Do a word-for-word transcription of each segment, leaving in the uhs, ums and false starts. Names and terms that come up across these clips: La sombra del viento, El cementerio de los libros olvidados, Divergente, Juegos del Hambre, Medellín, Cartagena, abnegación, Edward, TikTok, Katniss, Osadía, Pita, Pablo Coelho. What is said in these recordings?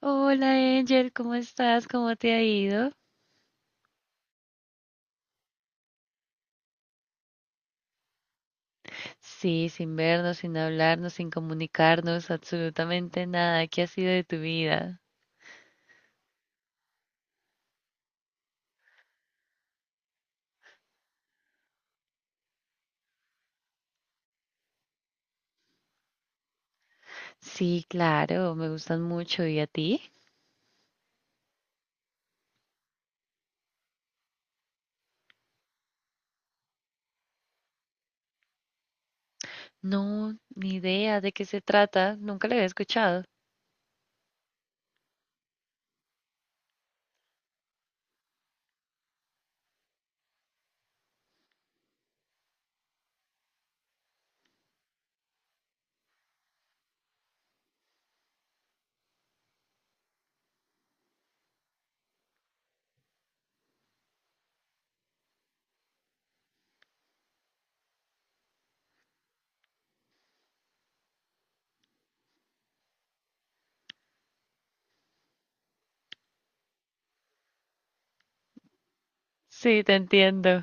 Hola Angel, ¿cómo estás? ¿Cómo te ha ido? Sí, sin vernos, sin hablarnos, sin comunicarnos, absolutamente nada. ¿Qué ha sido de tu vida? Sí, claro, me gustan mucho. ¿Y a ti? No, ni idea de qué se trata. Nunca la había escuchado. Sí, te entiendo.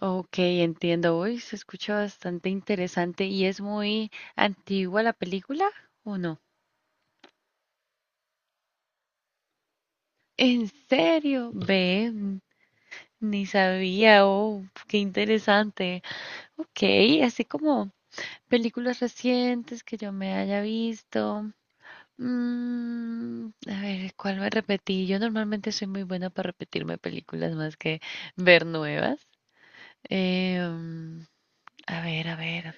Ok, entiendo. Uy, se escucha bastante interesante y es muy antigua la película, ¿o no? ¿En serio? Ve, mm, ni sabía. Oh, qué interesante. Ok, así como películas recientes que yo me haya visto. Mm, a ver, ¿cuál me repetí? Yo normalmente soy muy buena para repetirme películas más que ver nuevas. Eh, mm, a ver, a ver.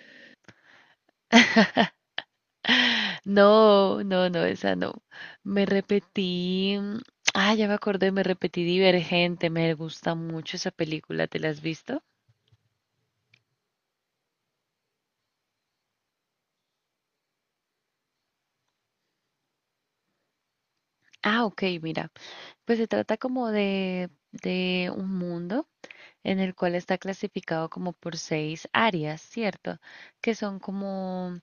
No, no, no, esa no. Me repetí. mm, Ah, ya me acordé, me repetí Divergente. Me gusta mucho esa película. ¿Te la has visto? Ah, ok, mira. Pues se trata como de, de un mundo, en el cual está clasificado como por seis áreas, ¿cierto? Que son como,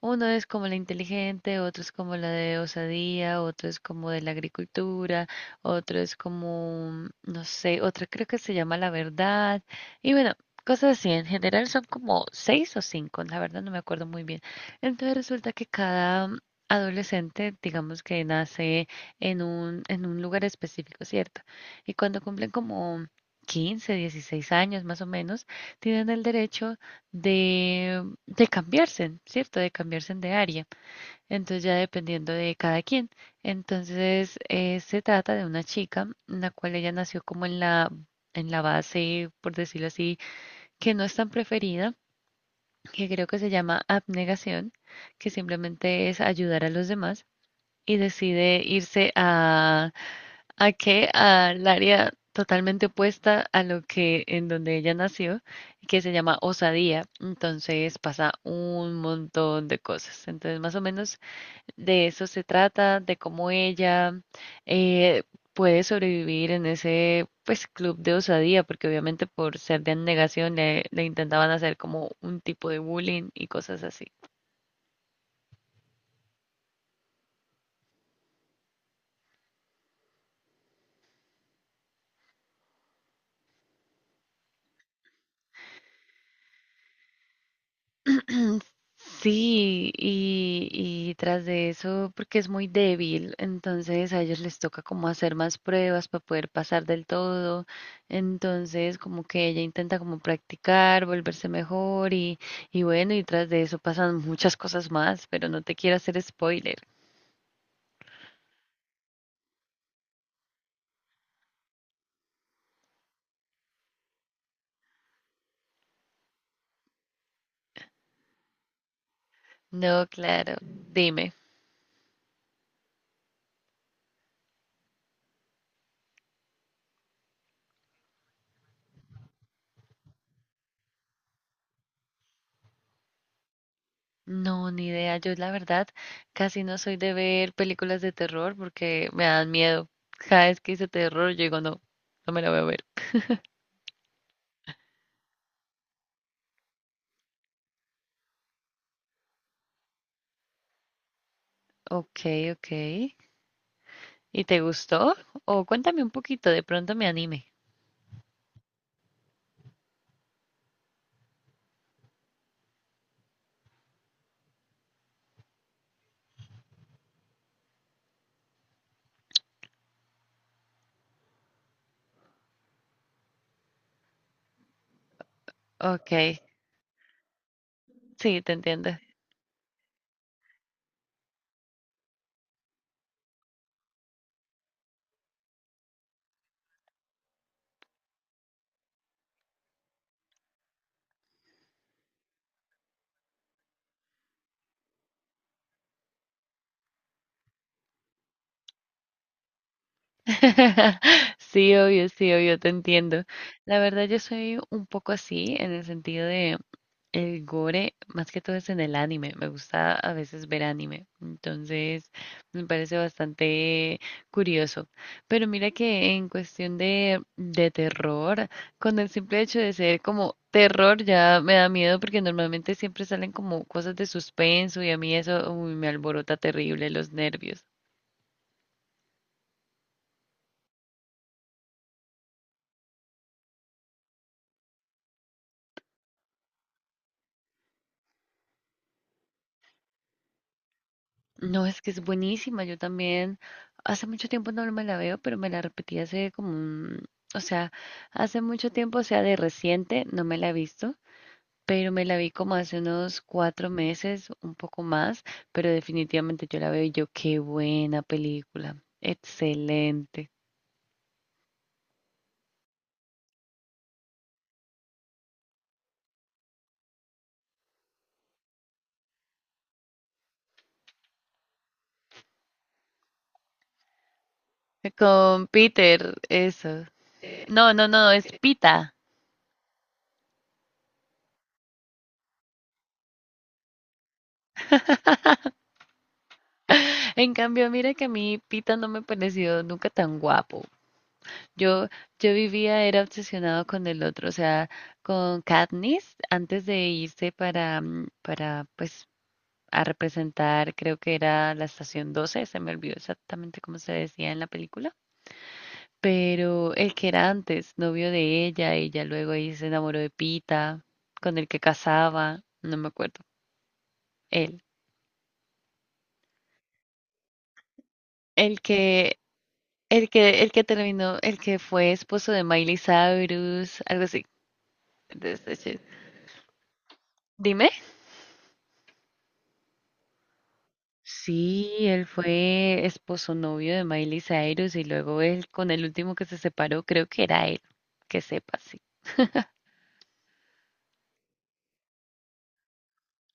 uno es como la inteligente, otro es como la de osadía, otro es como de la agricultura, otro es como, no sé, otra creo que se llama la verdad. Y bueno, cosas así, en general son como seis o cinco, la verdad no me acuerdo muy bien. Entonces resulta que cada... adolescente, digamos que nace en un, en un lugar específico, ¿cierto? Y cuando cumplen como quince, dieciséis años más o menos, tienen el derecho de, de cambiarse, ¿cierto? De cambiarse de área. Entonces ya dependiendo de cada quien. Entonces eh, se trata de una chica, en la cual ella nació como en la, en la base, por decirlo así, que no es tan preferida, que creo que se llama abnegación, que simplemente es ayudar a los demás y decide irse a a que al área totalmente opuesta a lo que en donde ella nació, que se llama Osadía. Entonces pasa un montón de cosas. Entonces más o menos de eso se trata, de cómo ella eh, puede sobrevivir en ese pues club de osadía, porque obviamente por ser de negación le, le intentaban hacer como un tipo de bullying y cosas así. Sí, y, y tras de eso, porque es muy débil, entonces a ellos les toca como hacer más pruebas para poder pasar del todo. Entonces, como que ella intenta como practicar, volverse mejor y, y bueno, y tras de eso pasan muchas cosas más, pero no te quiero hacer spoiler. No, claro, dime. No, ni idea. Yo la verdad casi no soy de ver películas de terror porque me dan miedo. Cada vez que hice terror, yo digo, no, no me la voy a ver. Ok, ok. ¿Y te gustó? O cuéntame un poquito, de pronto me anime. Ok, sí, te entiendo. Sí, obvio, sí, obvio, te entiendo. La verdad, yo soy un poco así en el sentido de el gore, más que todo es en el anime. Me gusta a veces ver anime. Entonces, me parece bastante curioso. Pero mira que en cuestión de, de terror, con el simple hecho de ser como terror ya me da miedo porque normalmente siempre salen como cosas de suspenso y a mí eso uy, me alborota terrible los nervios. No, es que es buenísima. Yo también hace mucho tiempo no me la veo, pero me la repetí hace como un, o sea, hace mucho tiempo, o sea, de reciente no me la he visto, pero me la vi como hace unos cuatro meses, un poco más, pero definitivamente yo la veo y yo, qué buena película, excelente. Con Peter, eso. No, no, no, es Pita. En cambio, mira que a mí Pita no me pareció nunca tan guapo. Yo, yo vivía, era obsesionado con el otro, o sea, con Katniss, antes de irse para, mm, para, pues, a representar, creo que era la estación doce, se me olvidó exactamente cómo se decía en la película, pero el que era antes, novio de ella, ella luego ahí se enamoró de Pita, con el que casaba, no me acuerdo, él. El que, el que, el que terminó, el que fue esposo de Miley Cyrus, algo así. Entonces, eh, dime. Sí, él fue esposo novio de Miley Cyrus y luego él con el último que se separó, creo que era él, que sepa, sí.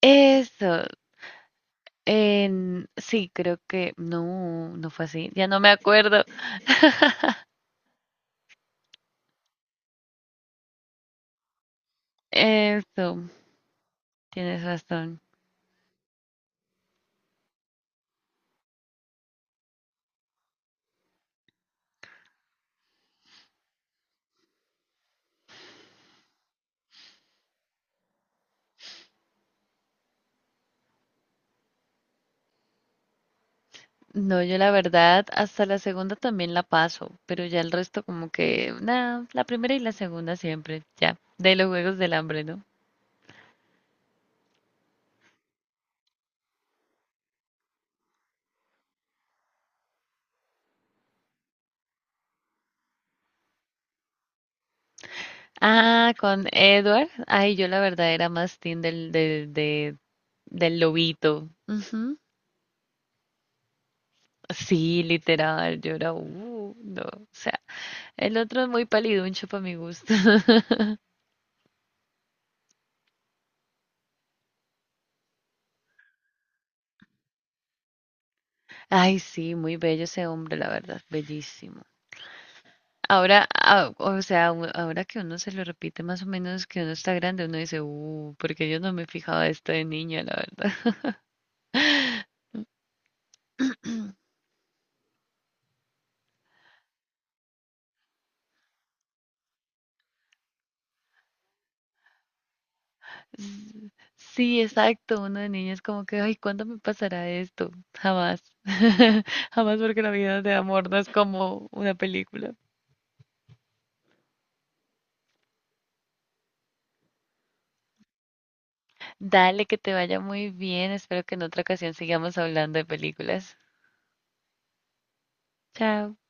Eso, en- sí, creo que no, no fue así, ya no me acuerdo. Eso, tienes razón. No, yo la verdad hasta la segunda también la paso, pero ya el resto como que, nada, la primera y la segunda siempre, ya, de los Juegos del Hambre, ¿no? Ah, con Edward. Ay, yo la verdad era más team del, del, de- del lobito. Ujú. Sí, literal, yo era, uh, no. O sea, el otro es muy paliduncho para mi gusto. Ay, sí, muy bello ese hombre, la verdad, bellísimo. Ahora, ah, o sea, u- ahora que uno se lo repite más o menos que uno está grande, uno dice, uh, porque yo no me fijaba esto de niña, la verdad. S- Sí, exacto. Uno de niños como que, ay, ¿cuándo me pasará esto? Jamás. Jamás porque la vida de amor no es como una película. Dale, que te vaya muy bien. Espero que en otra ocasión sigamos hablando de películas. Chao.